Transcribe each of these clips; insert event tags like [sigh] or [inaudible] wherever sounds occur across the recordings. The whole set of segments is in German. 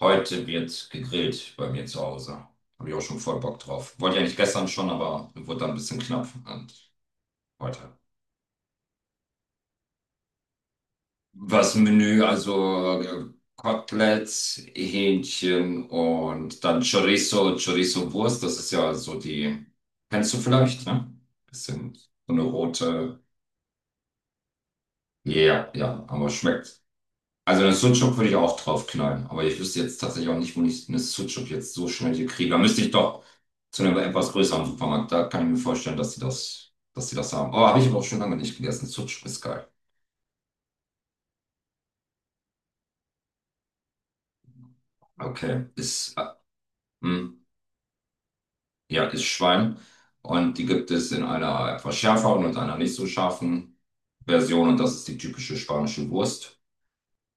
Heute wird gegrillt bei mir zu Hause. Habe ich auch schon voll Bock drauf. Wollte ich eigentlich gestern schon, aber wurde dann ein bisschen knapp. Und heute. Was im Menü, also Koteletts, Hähnchen und dann Chorizo-Wurst. Das ist ja so die, kennst du vielleicht, ne? Bisschen so eine rote. Ja, ja, ja, aber schmeckt. Also den Sucuk würde ich auch drauf knallen, aber ich wüsste jetzt tatsächlich auch nicht, wo ich eine Sucuk jetzt so schnell hier kriege. Da müsste ich doch zu einem etwas größeren Supermarkt. Da kann ich mir vorstellen, dass sie das haben. Oh, habe ich aber auch schon lange nicht gegessen. Sucuk ist geil. Okay, ist, hm, ja, ist Schwein. Und die gibt es in einer etwas schärferen und einer nicht so scharfen Version. Und das ist die typische spanische Wurst.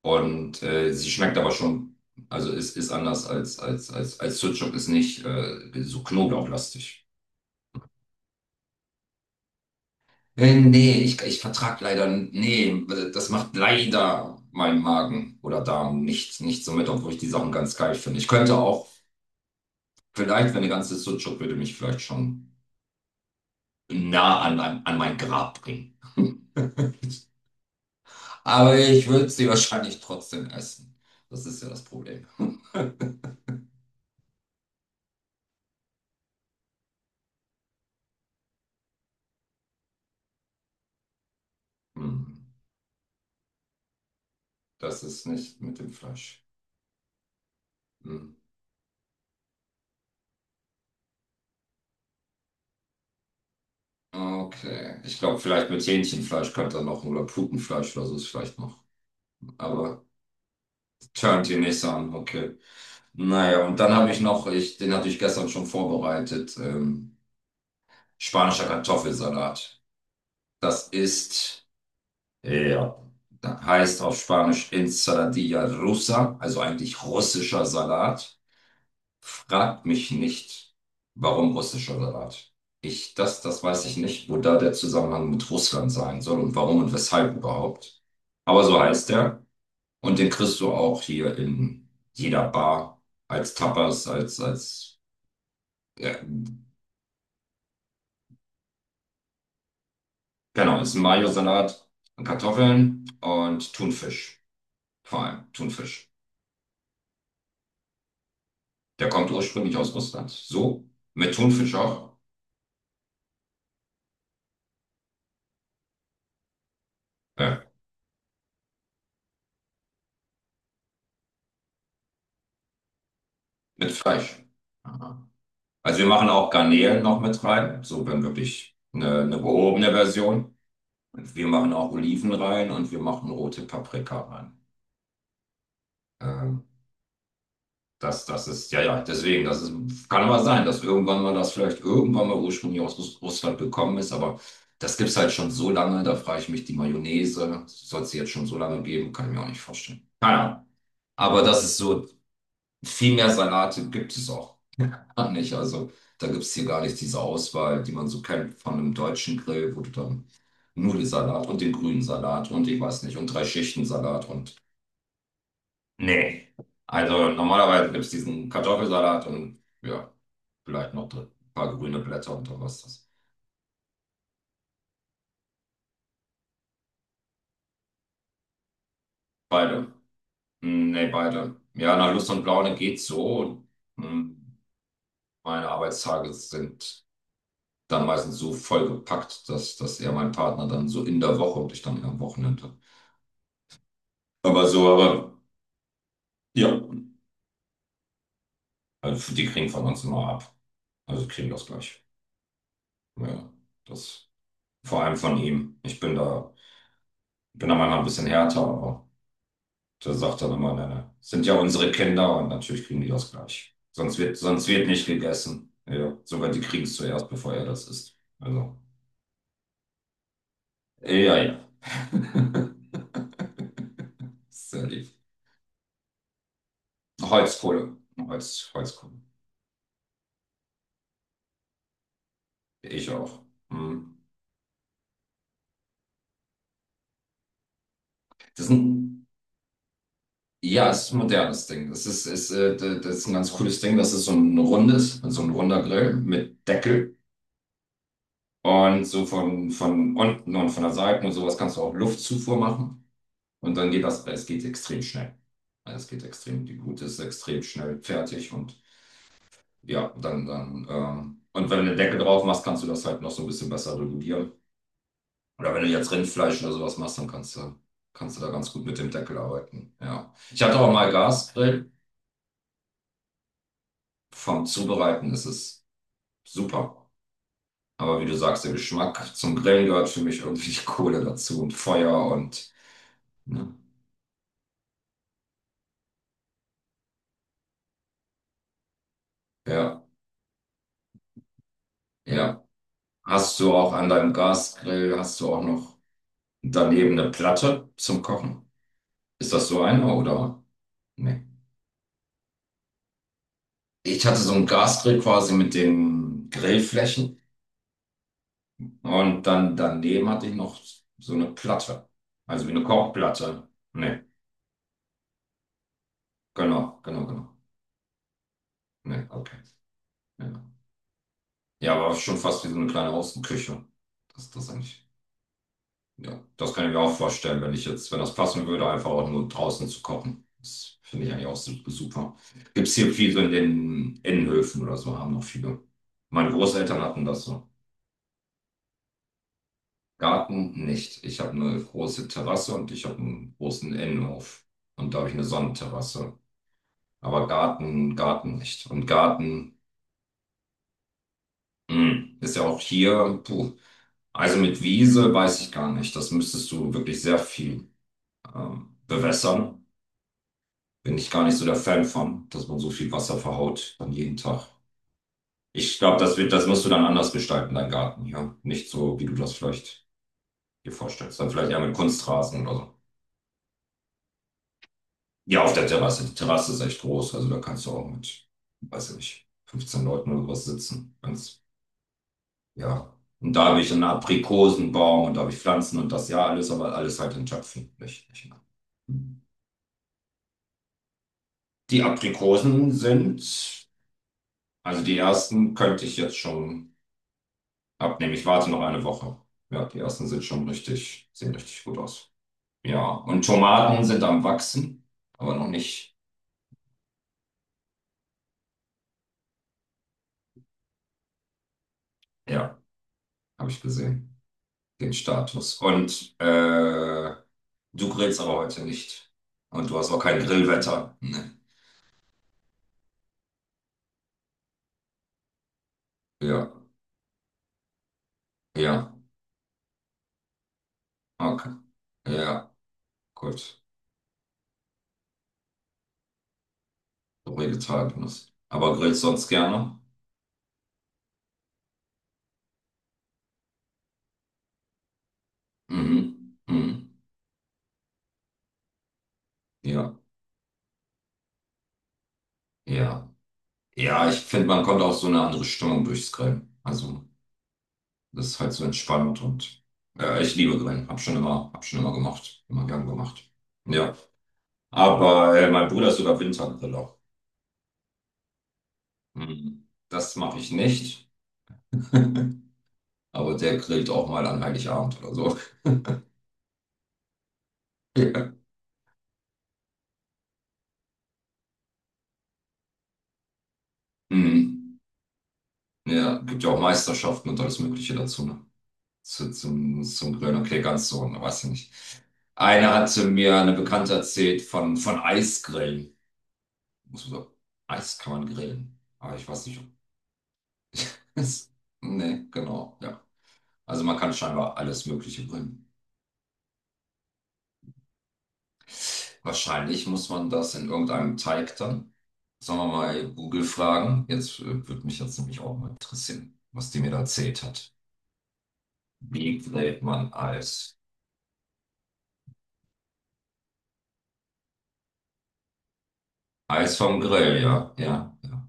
Und sie schmeckt aber schon, also ist anders als Sucuk, ist nicht so knoblauchlastig. Nee, ich vertrag leider, nee, also das macht leider mein Magen oder Darm nicht so mit, obwohl ich die Sachen ganz geil finde. Ich könnte auch, vielleicht, wenn eine ganze Sucuk würde mich vielleicht schon nah an mein Grab bringen. [laughs] Aber ich würde sie wahrscheinlich trotzdem essen. Das ist ja das Problem. Hm, das ist nicht mit dem Fleisch. Hm. Okay. Ich glaube, vielleicht mit Hähnchenfleisch könnte er noch oder Putenfleisch oder so ist vielleicht noch. Aber turnt ihr nicht so an, okay. Naja, und dann habe ich noch, ich, den hatte ich gestern schon vorbereitet, spanischer Kartoffelsalat. Das ist, ja, heißt auf Spanisch Ensaladilla rusa, also eigentlich russischer Salat. Fragt mich nicht, warum russischer Salat. Ich, das weiß ich nicht, wo da der Zusammenhang mit Russland sein soll und warum und weshalb überhaupt. Aber so heißt er. Und den kriegst du auch hier in jeder Bar als Tapas, als ja, genau, ist ein Mayo-Salat, Kartoffeln und Thunfisch. Vor allem Thunfisch. Der kommt ursprünglich aus Russland. So? Mit Thunfisch auch? Ja, mit Fleisch. Aha. Also wir machen auch Garnelen noch mit rein. So, wenn wirklich eine gehobene Version. Wir machen auch Oliven rein und wir machen rote Paprika rein. Ähm, Das, das ist, ja, ja, deswegen, das ist, kann aber sein, dass irgendwann mal das vielleicht irgendwann mal ursprünglich aus Russland gekommen ist, aber das gibt es halt schon so lange, da frage ich mich, die Mayonnaise, soll es jetzt schon so lange geben, kann ich mir auch nicht vorstellen. Keine Ahnung. Aber das ist so, viel mehr Salate gibt es auch gar nicht. Also da gibt es hier gar nicht diese Auswahl, die man so kennt von einem deutschen Grill, wo du dann Nudelsalat und den grünen Salat und ich weiß nicht, und drei Schichten Salat und nee. Also normalerweise gibt es diesen Kartoffelsalat und ja, vielleicht noch ein paar grüne Blätter und dann was das. Beide. Hm, nee, beide. Ja, nach Lust und Laune geht's so. Hm, meine Arbeitstage sind dann meistens so vollgepackt, dass eher mein Partner dann so in der Woche und ich dann eher am Wochenende. Aber so, aber ja, also die kriegen von uns immer ab. Also kriegen das gleich. Ja, das vor allem von ihm. Ich bin da manchmal ein bisschen härter, aber. Da sagt er immer, ne, ne. Sind ja unsere Kinder und natürlich kriegen die das gleich. Sonst wird nicht gegessen. Ja, sogar die kriegen es zuerst, bevor er das isst. Also, ja, ja. [laughs] Sehr lieb. Holzkohle. Holzkohle. Ich auch. Hm. Das ist ein, ja, es ist ein modernes Ding. Das ist ein ganz cooles Ding. Das ist so ein rundes, so ein runder Grill mit Deckel. Und so von unten und von der Seite und sowas kannst du auch Luftzufuhr machen. Und dann geht das, es geht extrem schnell. Also es geht extrem, die Gute ist extrem schnell fertig und ja, dann, dann, und wenn du eine Decke drauf machst, kannst du das halt noch so ein bisschen besser regulieren. Oder wenn du jetzt Rindfleisch oder sowas machst, dann kannst du da ganz gut mit dem Deckel arbeiten. Ja. Ich hatte auch mal Gasgrill. Vom Zubereiten ist es super. Aber wie du sagst, der Geschmack zum Grillen gehört für mich irgendwie die Kohle dazu und Feuer und, ne? Ja, ja. Hast du auch an deinem Gasgrill, hast du auch noch daneben eine Platte zum Kochen. Ist das so eine oder? Nee. Ich hatte so einen Gasgrill quasi mit den Grillflächen und dann daneben hatte ich noch so eine Platte. Also wie eine Kochplatte. Nee, genau, genau, genau. Nee, okay. Ja, ja aber schon fast wie so eine kleine Außenküche. Das ist das eigentlich. Ja, das kann ich mir auch vorstellen, wenn ich jetzt, wenn das passen würde, einfach auch nur draußen zu kochen. Das finde ich eigentlich auch super. Gibt es hier viel so in den Innenhöfen oder so, haben noch viele. Meine Großeltern hatten das so. Garten nicht. Ich habe eine große Terrasse und ich habe einen großen Innenhof. Und da habe ich eine Sonnenterrasse. Aber Garten, Garten nicht. Und Garten, mh, ist ja auch hier, puh. Also mit Wiese weiß ich gar nicht. Das müsstest du wirklich sehr viel bewässern. Bin ich gar nicht so der Fan von, dass man so viel Wasser verhaut dann jeden Tag. Ich glaube, das musst du dann anders gestalten, deinen Garten, ja. Nicht so, wie du das vielleicht dir vorstellst. Dann vielleicht eher mit Kunstrasen oder so. Ja, auf der Terrasse. Die Terrasse ist echt groß, also da kannst du auch mit, weiß ich nicht, 15 Leuten oder sowas sitzen. Ganz, ja. Und da habe ich einen Aprikosenbaum und da habe ich Pflanzen und das ja alles, aber alles halt in Töpfen. Nicht, nicht. Die Aprikosen sind, also die ersten könnte ich jetzt schon. Abnehmen. Ich warte noch eine Woche. Ja, die ersten sind schon richtig, sehen richtig gut aus. Ja, und Tomaten sind am Wachsen, aber noch nicht. Ja, habe ich gesehen, den Status. Und du grillst aber heute nicht. Und du hast auch kein Grillwetter. Nee. Ja, ja, okay. Ja, gut. So Vegetarier. Aber grillst sonst gerne? Mhm. Mhm. Ja, ja. Ja, ich finde, man kommt auch so eine andere Stimmung durchs Grillen. Also. Das ist halt so entspannt und ich liebe Grillen. Hab schon immer gemacht. Immer gern gemacht. Ja. Aber mein Bruder ist sogar Wintergriller. Hm. Das mache ich nicht. [laughs] Aber der grillt auch mal an Heiligabend oder so. [laughs] Ja. Hm. Ja, gibt ja auch Meisterschaften und alles Mögliche dazu, ne? Zu, zum Grillen. Okay, ganz so, ne, weiß ich nicht. Einer hatte mir eine Bekannte erzählt von Eisgrillen. Muss man so Eis kann man grillen. Aber ich weiß nicht, ist, nee, genau, ja. Also man kann scheinbar alles Mögliche bringen. Wahrscheinlich muss man das in irgendeinem Teig dann, sagen wir mal, Google fragen. Jetzt würde mich jetzt nämlich auch mal interessieren, was die mir da erzählt hat. Wie grillt man Eis? Eis vom Grill, ja, ja, ja.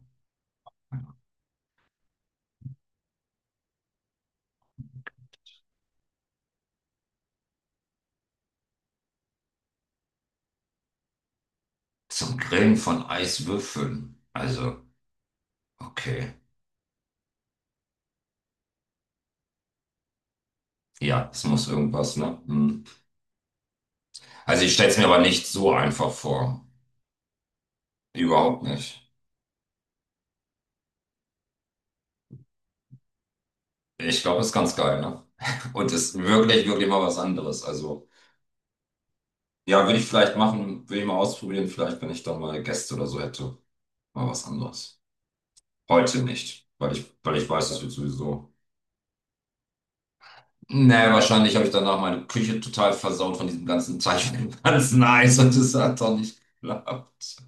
Zum Grillen von Eiswürfeln. Also, okay. Ja, es muss irgendwas, ne? Hm. Also ich stelle es mir aber nicht so einfach vor. Überhaupt nicht. Ich glaube, ist ganz geil, ne? [laughs] Und ist wirklich, wirklich mal was anderes. Also, ja, würde ich vielleicht machen, würde ich mal ausprobieren, vielleicht, wenn ich dann mal Gäste oder so hätte. Mal was anderes. Heute nicht, weil ich weiß, das wird sowieso. Nee, wahrscheinlich habe ich danach meine Küche total versaut von diesem ganzen Teich, von dem ganzen Eis [laughs] und es hat doch nicht geklappt.